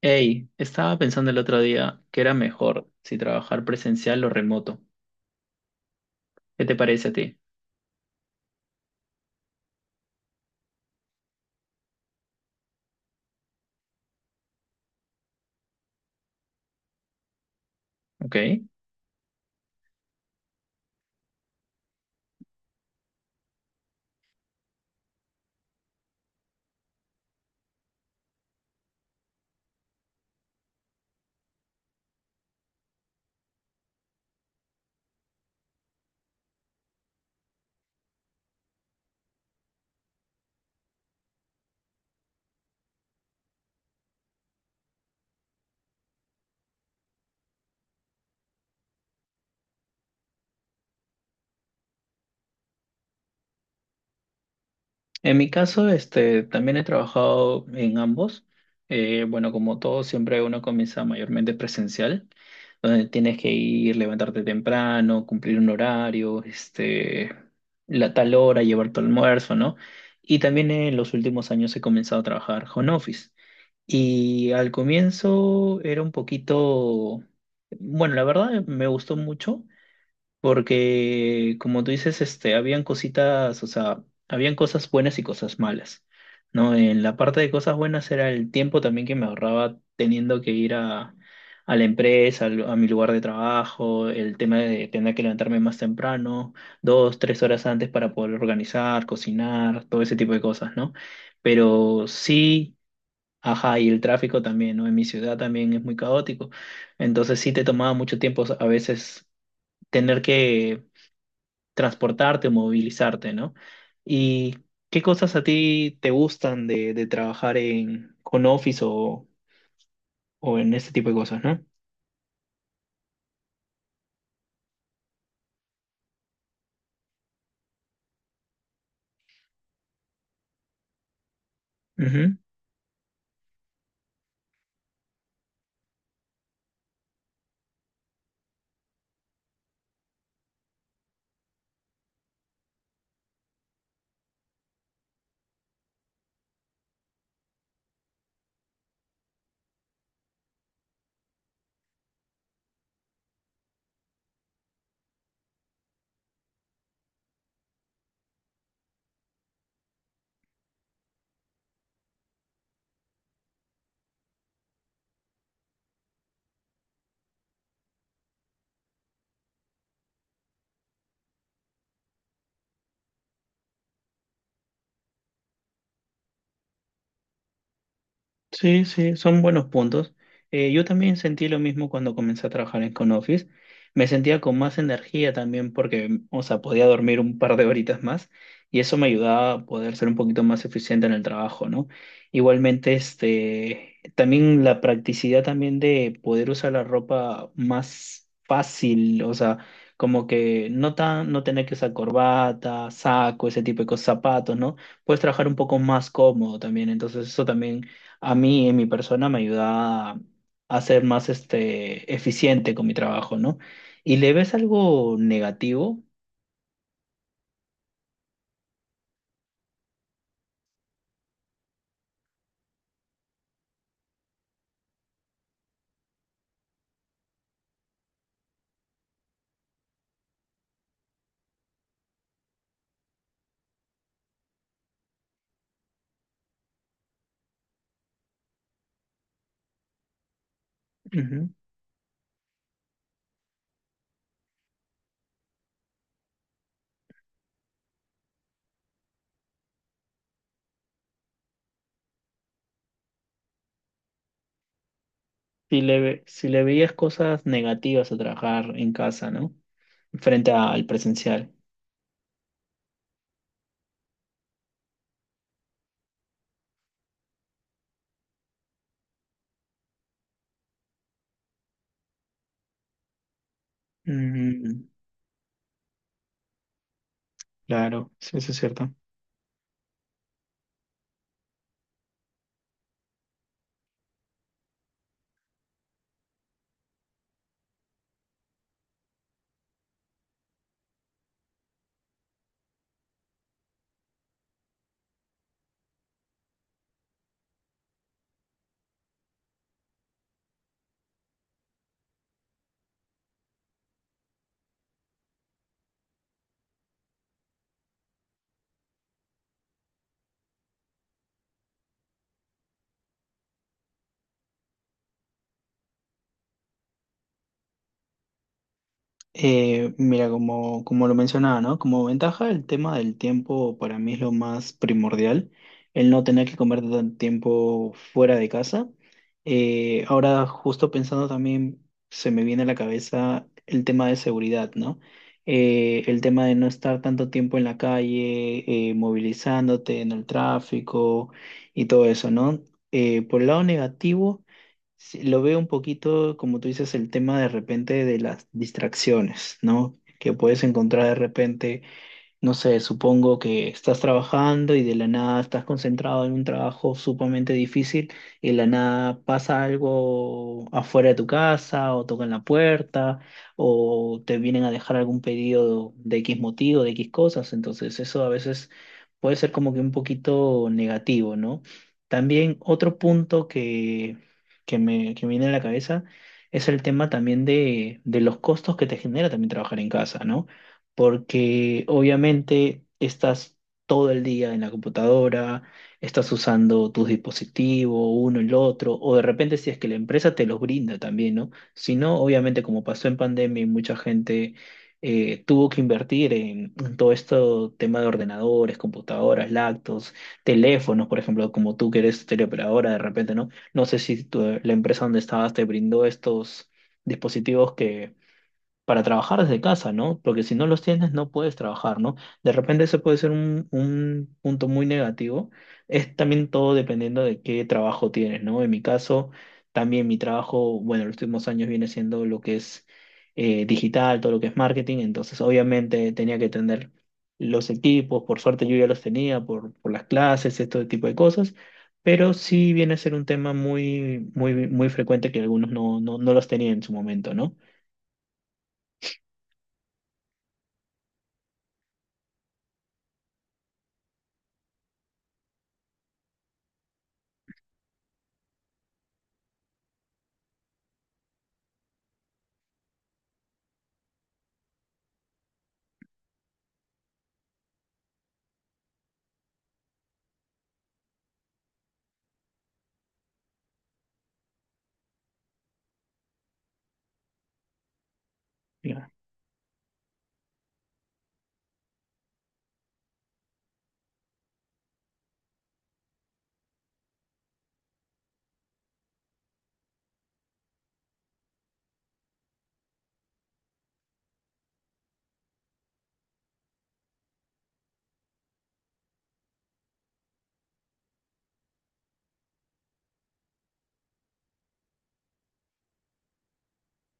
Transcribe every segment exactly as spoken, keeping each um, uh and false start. Hey, estaba pensando el otro día que era mejor si trabajar presencial o remoto. ¿Qué te parece a ti? Ok. En mi caso, este, también he trabajado en ambos. Eh, bueno, como todo, siempre uno comienza mayormente presencial, donde tienes que ir, levantarte temprano, cumplir un horario, este, la tal hora, llevar tu almuerzo, ¿no? Y también en los últimos años he comenzado a trabajar home office. Y al comienzo era un poquito, bueno, la verdad me gustó mucho porque, como tú dices, este, habían cositas, o sea, habían cosas buenas y cosas malas, ¿no? En la parte de cosas buenas era el tiempo también que me ahorraba teniendo que ir a, a la empresa, al- a mi lugar de trabajo, el tema de tener que levantarme más temprano, dos, tres horas antes para poder organizar, cocinar, todo ese tipo de cosas, ¿no? Pero sí. Ajá, y el tráfico también, ¿no? En mi ciudad también es muy caótico. Entonces sí te tomaba mucho tiempo a veces tener que transportarte o movilizarte, ¿no? ¿Y qué cosas a ti te gustan de, de trabajar en con Office o, o en este tipo de cosas, ¿no? Sí, sí, son buenos puntos. Eh, yo también sentí lo mismo cuando comencé a trabajar en ConOffice. Me sentía con más energía también porque, o sea, podía dormir un par de horitas más y eso me ayudaba a poder ser un poquito más eficiente en el trabajo, ¿no? Igualmente, este, también la practicidad también de poder usar la ropa más fácil, o sea, como que no tan, no tener que usar corbata, saco, ese tipo de cosas, zapatos, ¿no? Puedes trabajar un poco más cómodo también, entonces eso también a mí, en mi persona, me ayuda a a ser más este, eficiente con mi trabajo, ¿no? ¿Y le ves algo negativo? Ujú. Si le, ve- si le veías cosas negativas a trabajar en casa, ¿no? Frente al presencial. Mm, claro, sí, eso es cierto. Eh, mira, como, como lo mencionaba, ¿no? Como ventaja, el tema del tiempo para mí es lo más primordial, el no tener que comer tanto tiempo fuera de casa. Eh, ahora, justo pensando también, se me viene a la cabeza el tema de seguridad, ¿no? Eh, el tema de no estar tanto tiempo en la calle, eh, movilizándote en el tráfico y todo eso, ¿no? Eh, por el lado negativo... Sí, lo veo un poquito, como tú dices, el tema de repente de las distracciones, ¿no? Que puedes encontrar de repente. No sé, supongo que estás trabajando y de la nada estás concentrado en un trabajo sumamente difícil y de la nada pasa algo afuera de tu casa o tocan la puerta o te vienen a dejar algún pedido de X motivo, de X cosas. Entonces eso a veces puede ser como que un poquito negativo, ¿no? También otro punto que, que me, que me viene a la cabeza es el tema también de, de los costos que te genera también trabajar en casa, ¿no? Porque obviamente estás todo el día en la computadora, estás usando tus dispositivos, uno, el otro, o de repente si es que la empresa te los brinda también, ¿no? Si no, obviamente como pasó en pandemia y mucha gente eh, tuvo que invertir en, en todo esto tema de ordenadores, computadoras, laptops, teléfonos, por ejemplo, como tú que eres teleoperadora, de repente, ¿no? No sé si tu- la empresa donde estabas te brindó estos dispositivos que para trabajar desde casa, ¿no? Porque si no los tienes, no puedes trabajar, ¿no? De repente ese puede ser un, un punto muy negativo. Es también todo dependiendo de qué trabajo tienes, ¿no? En mi caso, también mi trabajo, bueno, los últimos años viene siendo lo que es eh, digital, todo lo que es marketing, entonces obviamente tenía que tener los equipos, por suerte yo ya los tenía por, por las clases, este tipo de cosas. Pero sí viene a ser un tema muy, muy, muy frecuente que algunos no, no, no los tenían en su momento, ¿no?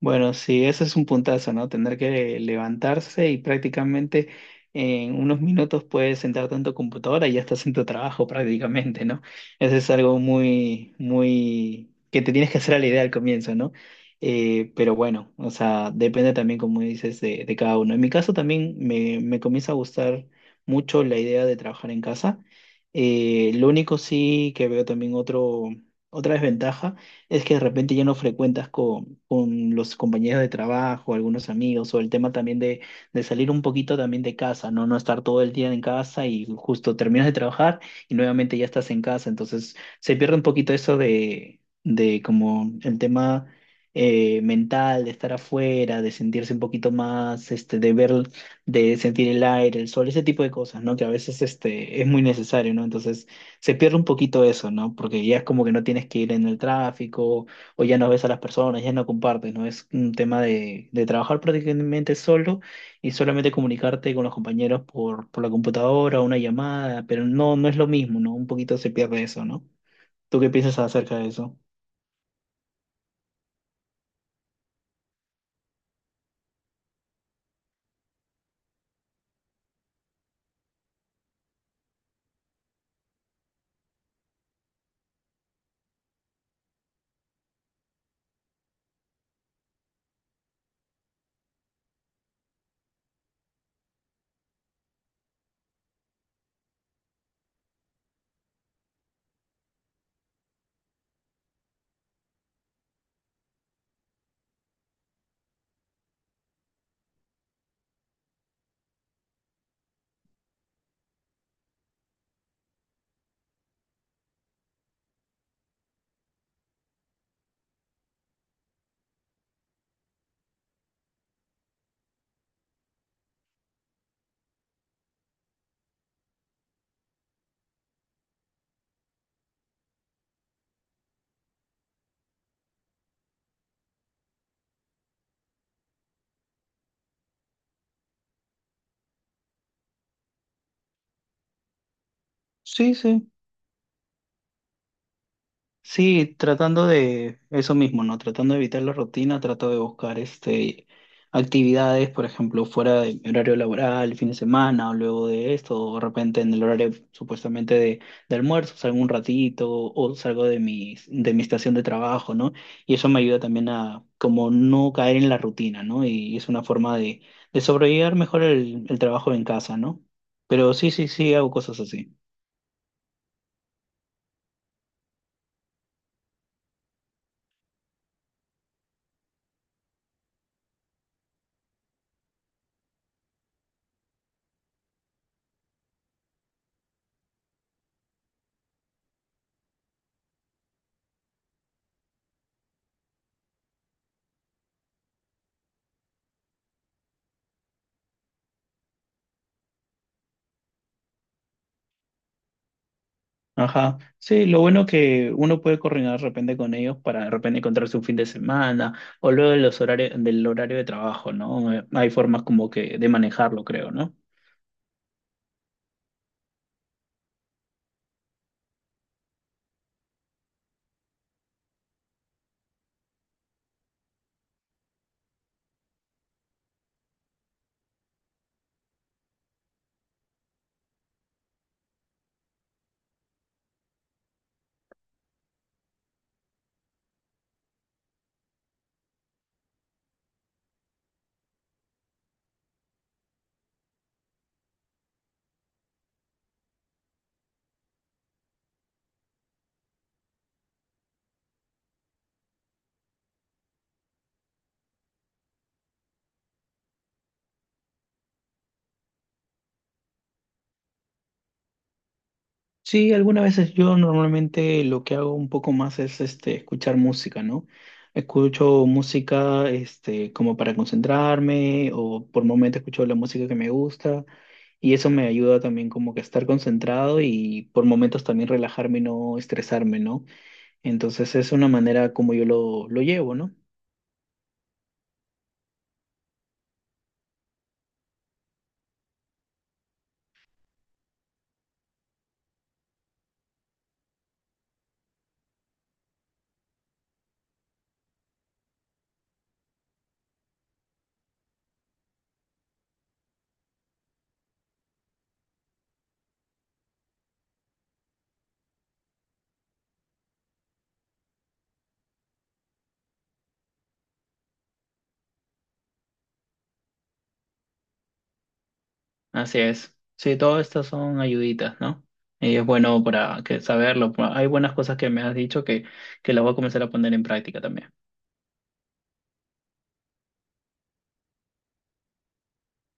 Bueno, sí, ese es un puntazo, ¿no? Tener que levantarse y prácticamente en unos minutos puedes sentarte en tu computadora y ya estás en tu trabajo prácticamente, ¿no? Eso es algo muy, muy, que te tienes que hacer a la idea al comienzo, ¿no? Eh, pero bueno, o sea, depende también, como dices, de, de cada uno. En mi caso también me, me comienza a gustar mucho la idea de trabajar en casa. Eh, lo único sí que veo también otro, otra desventaja es que de repente ya no frecuentas con, con los compañeros de trabajo, algunos amigos, o el tema también de, de salir un poquito también de casa, ¿no? No estar todo el día en casa y justo terminas de trabajar y nuevamente ya estás en casa. Entonces se pierde un poquito eso de, de como el tema eh, mental, de estar afuera, de sentirse un poquito más, este, de ver, de sentir el aire, el sol, ese tipo de cosas, ¿no? Que a veces este, es muy necesario, ¿no? Entonces se pierde un poquito eso, ¿no? Porque ya es como que no tienes que ir en el tráfico o ya no ves a las personas, ya no compartes, ¿no? Es un tema de, de trabajar prácticamente solo y solamente comunicarte con los compañeros por, por la computadora o una llamada, pero no, no es lo mismo, ¿no? Un poquito se pierde eso, ¿no? ¿Tú qué piensas acerca de eso? Sí, sí. Sí, tratando de eso mismo, ¿no? Tratando de evitar la rutina, trato de buscar este actividades, por ejemplo, fuera de mi horario laboral, el fin de semana, o luego de esto, o de repente en el horario supuestamente de, de almuerzo, salgo un ratito, o salgo de mi, de mi estación de trabajo, ¿no? Y eso me ayuda también a como no caer en la rutina, ¿no? Y es una forma de, de sobrellevar mejor el, el trabajo en casa, ¿no? Pero sí, sí, sí, hago cosas así. Ajá. Sí, lo bueno que uno puede coordinar de repente con ellos para de repente encontrarse un fin de semana o luego de los horarios del horario de trabajo, ¿no? Eh, Hay formas como que de manejarlo, creo, ¿no? Sí, algunas veces yo normalmente lo que hago un poco más es este escuchar música, ¿no? Escucho música este como para concentrarme o por momentos escucho la música que me gusta y eso me ayuda también como que a estar concentrado y por momentos también relajarme y no estresarme, ¿no? Entonces es una manera como yo lo, lo llevo, ¿no? Así es. Sí, todas estas son ayuditas, ¿no? Y es bueno para que saberlo. pa- Hay buenas cosas que me has dicho que, que las voy a comenzar a poner en práctica también.